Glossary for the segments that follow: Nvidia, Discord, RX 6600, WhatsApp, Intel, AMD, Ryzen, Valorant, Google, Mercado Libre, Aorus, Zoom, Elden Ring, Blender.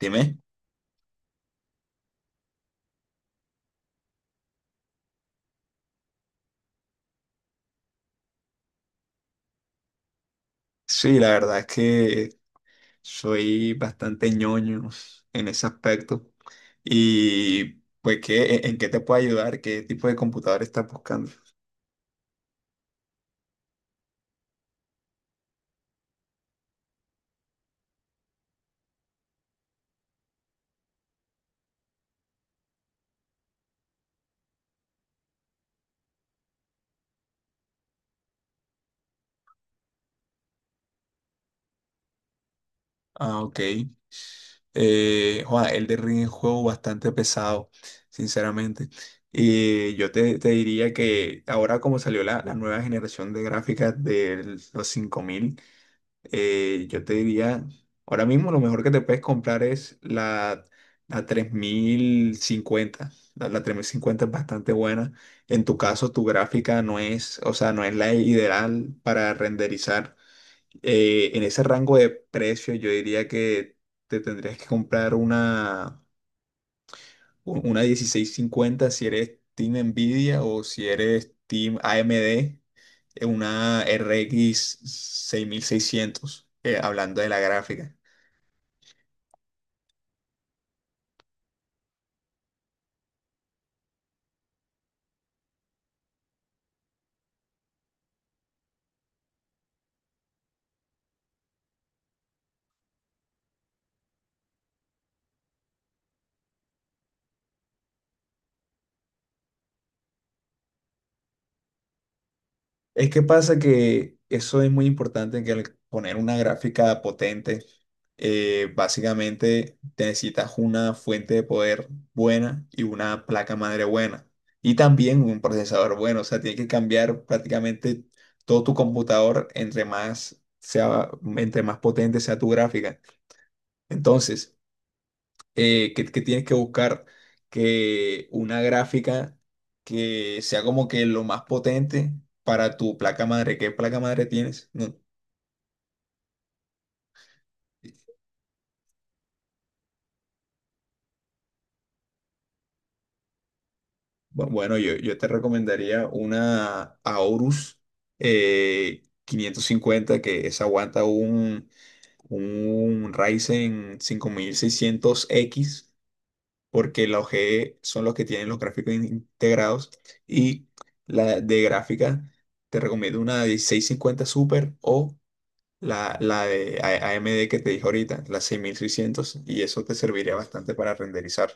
Dime. Sí, la verdad es que soy bastante ñoño en ese aspecto. Y pues, ¿qué, en qué te puedo ayudar? ¿Qué tipo de computador estás buscando? Ah, ok. Juan, Elden Ring es un juego bastante pesado, sinceramente. Y yo te diría que ahora como salió la nueva generación de gráficas de los 5000. Yo te diría, ahora mismo lo mejor que te puedes comprar es la 3050. La 3050 es bastante buena. En tu caso, tu gráfica no es, o sea, no es la ideal para renderizar. En ese rango de precio, yo diría que te tendrías que comprar una 1650 si eres Team Nvidia o si eres Team AMD, una RX 6600, hablando de la gráfica. Es que pasa que eso es muy importante, que al poner una gráfica potente, básicamente te necesitas una fuente de poder buena y una placa madre buena. Y también un procesador bueno. O sea, tienes que cambiar prácticamente todo tu computador entre más potente sea tu gráfica. Entonces, que tienes que buscar que una gráfica que sea como que lo más potente para tu placa madre. ¿Qué placa madre tienes? No. Bueno, yo te recomendaría una Aorus 550 que esa aguanta un Ryzen 5600X porque la OGE son los que tienen los gráficos integrados y la de gráfica te recomiendo una de 650 Super o la de AMD que te dije ahorita, la 6600 y eso te serviría bastante para renderizar.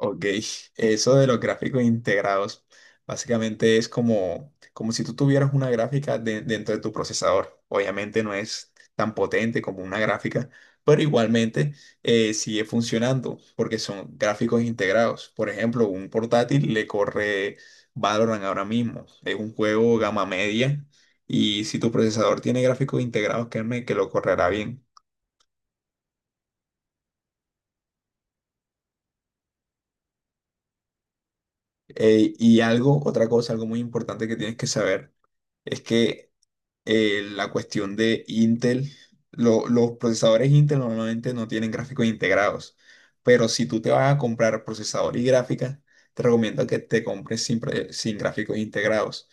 Ok, eso de los gráficos integrados, básicamente es como, como si tú tuvieras una gráfica dentro de tu procesador. Obviamente no es tan potente como una gráfica, pero igualmente sigue funcionando porque son gráficos integrados. Por ejemplo, un portátil le corre Valorant ahora mismo, es un juego gama media y si tu procesador tiene gráficos integrados, créeme que lo correrá bien. Otra cosa, algo muy importante que tienes que saber es que la cuestión de Intel. Los procesadores Intel normalmente no tienen gráficos integrados, pero si tú te vas a comprar procesador y gráfica, te recomiendo que te compres sin gráficos integrados,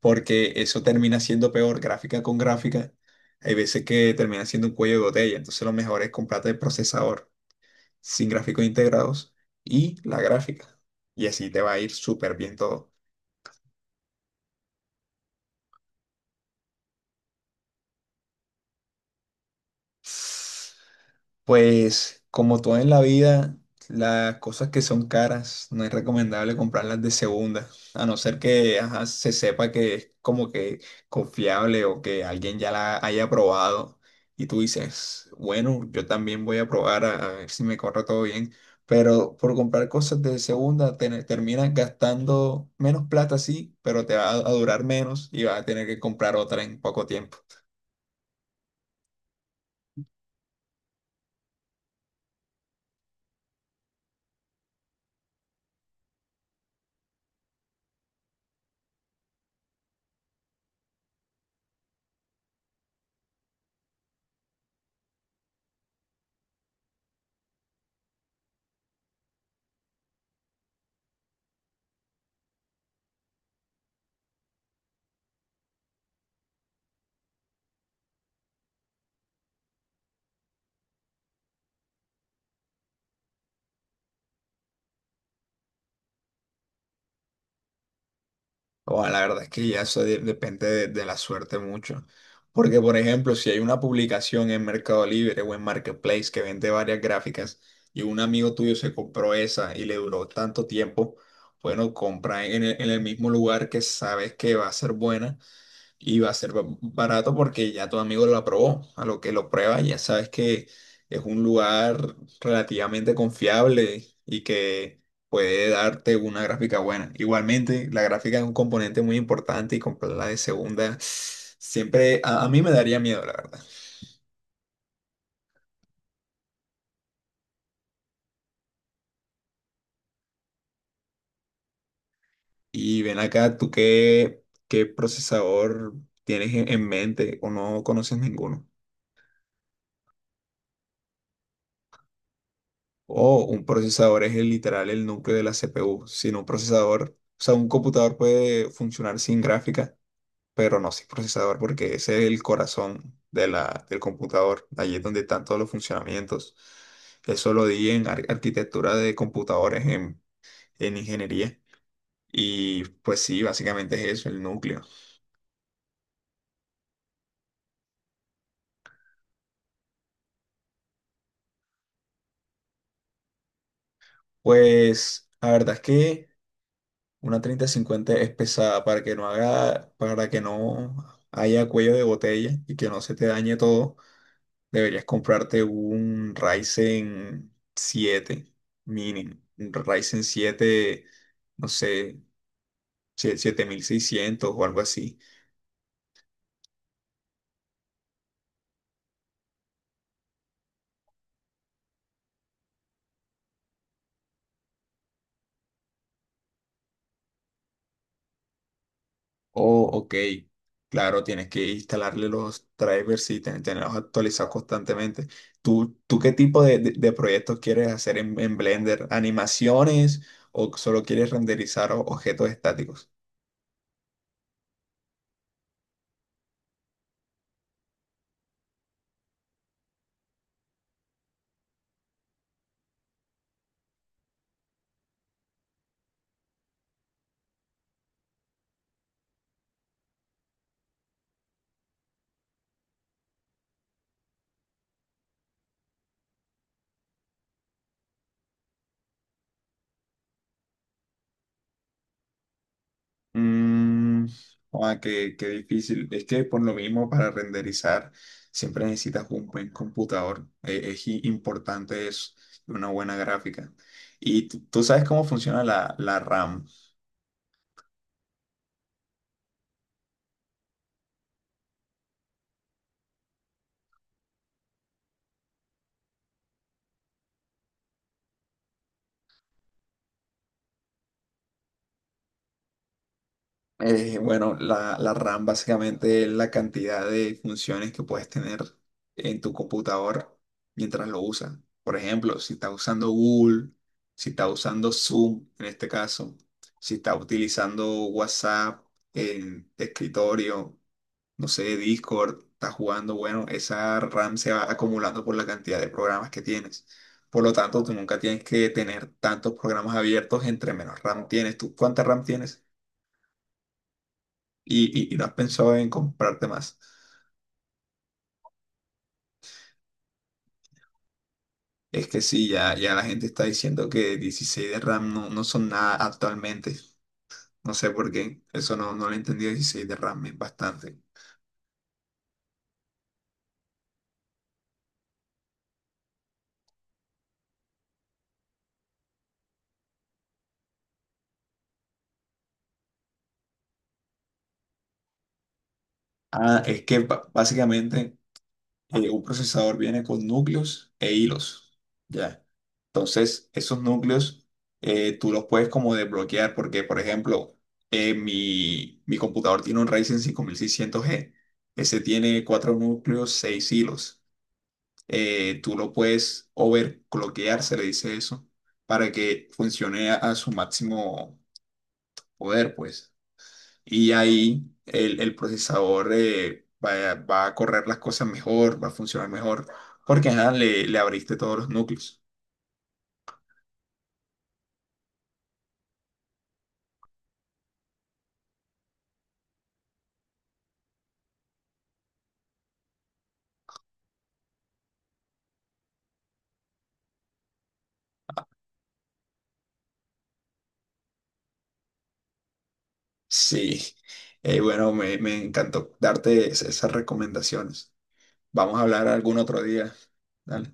porque eso termina siendo peor gráfica con gráfica. Hay veces que termina siendo un cuello de botella, entonces lo mejor es comprarte el procesador sin gráficos integrados y la gráfica. Y así te va a ir súper bien todo. Pues como todo en la vida, las cosas que son caras no es recomendable comprarlas de segunda, a no ser que ajá, se sepa que es como que confiable o que alguien ya la haya probado y tú dices, bueno, yo también voy a probar a ver si me corre todo bien, pero por comprar cosas de segunda terminas gastando menos plata, sí, pero te va a durar menos y vas a tener que comprar otra en poco tiempo. O la verdad es que ya eso depende de la suerte mucho. Porque, por ejemplo, si hay una publicación en Mercado Libre o en Marketplace que vende varias gráficas y un amigo tuyo se compró esa y le duró tanto tiempo, bueno, compra en el mismo lugar que sabes que va a ser buena y va a ser barato porque ya tu amigo lo aprobó. A lo que lo prueba, ya sabes que es un lugar relativamente confiable y que puede darte una gráfica buena. Igualmente, la gráfica es un componente muy importante y comprarla de segunda siempre a mí me daría miedo, la verdad. Y ven acá, ¿tú qué procesador tienes en mente o no conoces ninguno? O un procesador es el literal el núcleo de la CPU. Sin un procesador, o sea, un computador puede funcionar sin gráfica, pero no sin procesador, porque ese es el corazón de del computador. Allí es donde están todos los funcionamientos. Eso lo di en arquitectura de computadores en ingeniería. Y pues sí, básicamente es eso, el núcleo. Pues la verdad es que una 3050 es pesada para que no haya cuello de botella y que no se te dañe todo. Deberías comprarte un Ryzen 7 mínimo, un Ryzen 7, no sé, siete mil seiscientos o algo así. Oh, ok, claro, tienes que instalarle los drivers y tenerlos actualizados constantemente. ¿Tú qué tipo de proyectos quieres hacer en Blender? ¿Animaciones o solo quieres renderizar objetos estáticos? Mm, ah, qué difícil. Es que por lo mismo para renderizar siempre necesitas un buen computador. Es importante es una buena gráfica. Y tú sabes cómo funciona la RAM. Bueno, la RAM básicamente es la cantidad de funciones que puedes tener en tu computador mientras lo usas. Por ejemplo, si estás usando Google, si estás usando Zoom en este caso, si estás utilizando WhatsApp en escritorio, no sé, Discord, estás jugando, bueno, esa RAM se va acumulando por la cantidad de programas que tienes. Por lo tanto, tú nunca tienes que tener tantos programas abiertos entre menos RAM tienes. ¿Tú cuánta RAM tienes? Y no has pensado en comprarte más. Es que sí, ya, ya la gente está diciendo que 16 de RAM no, no son nada actualmente. No sé por qué. Eso no, no lo he entendido. 16 de RAM es bastante. Ah, es que básicamente un procesador viene con núcleos e hilos. Ya. Entonces, esos núcleos tú los puedes como desbloquear porque, por ejemplo, mi computador tiene un Ryzen 5600G. Ese tiene cuatro núcleos, seis hilos. Tú lo puedes overclockear, se le dice eso, para que funcione a su máximo poder, pues. Y ahí el procesador va a correr las cosas mejor, va a funcionar mejor, porque ajá, le abriste todos los núcleos. Sí, bueno, me encantó darte esas recomendaciones. Vamos a hablar algún otro día. Dale.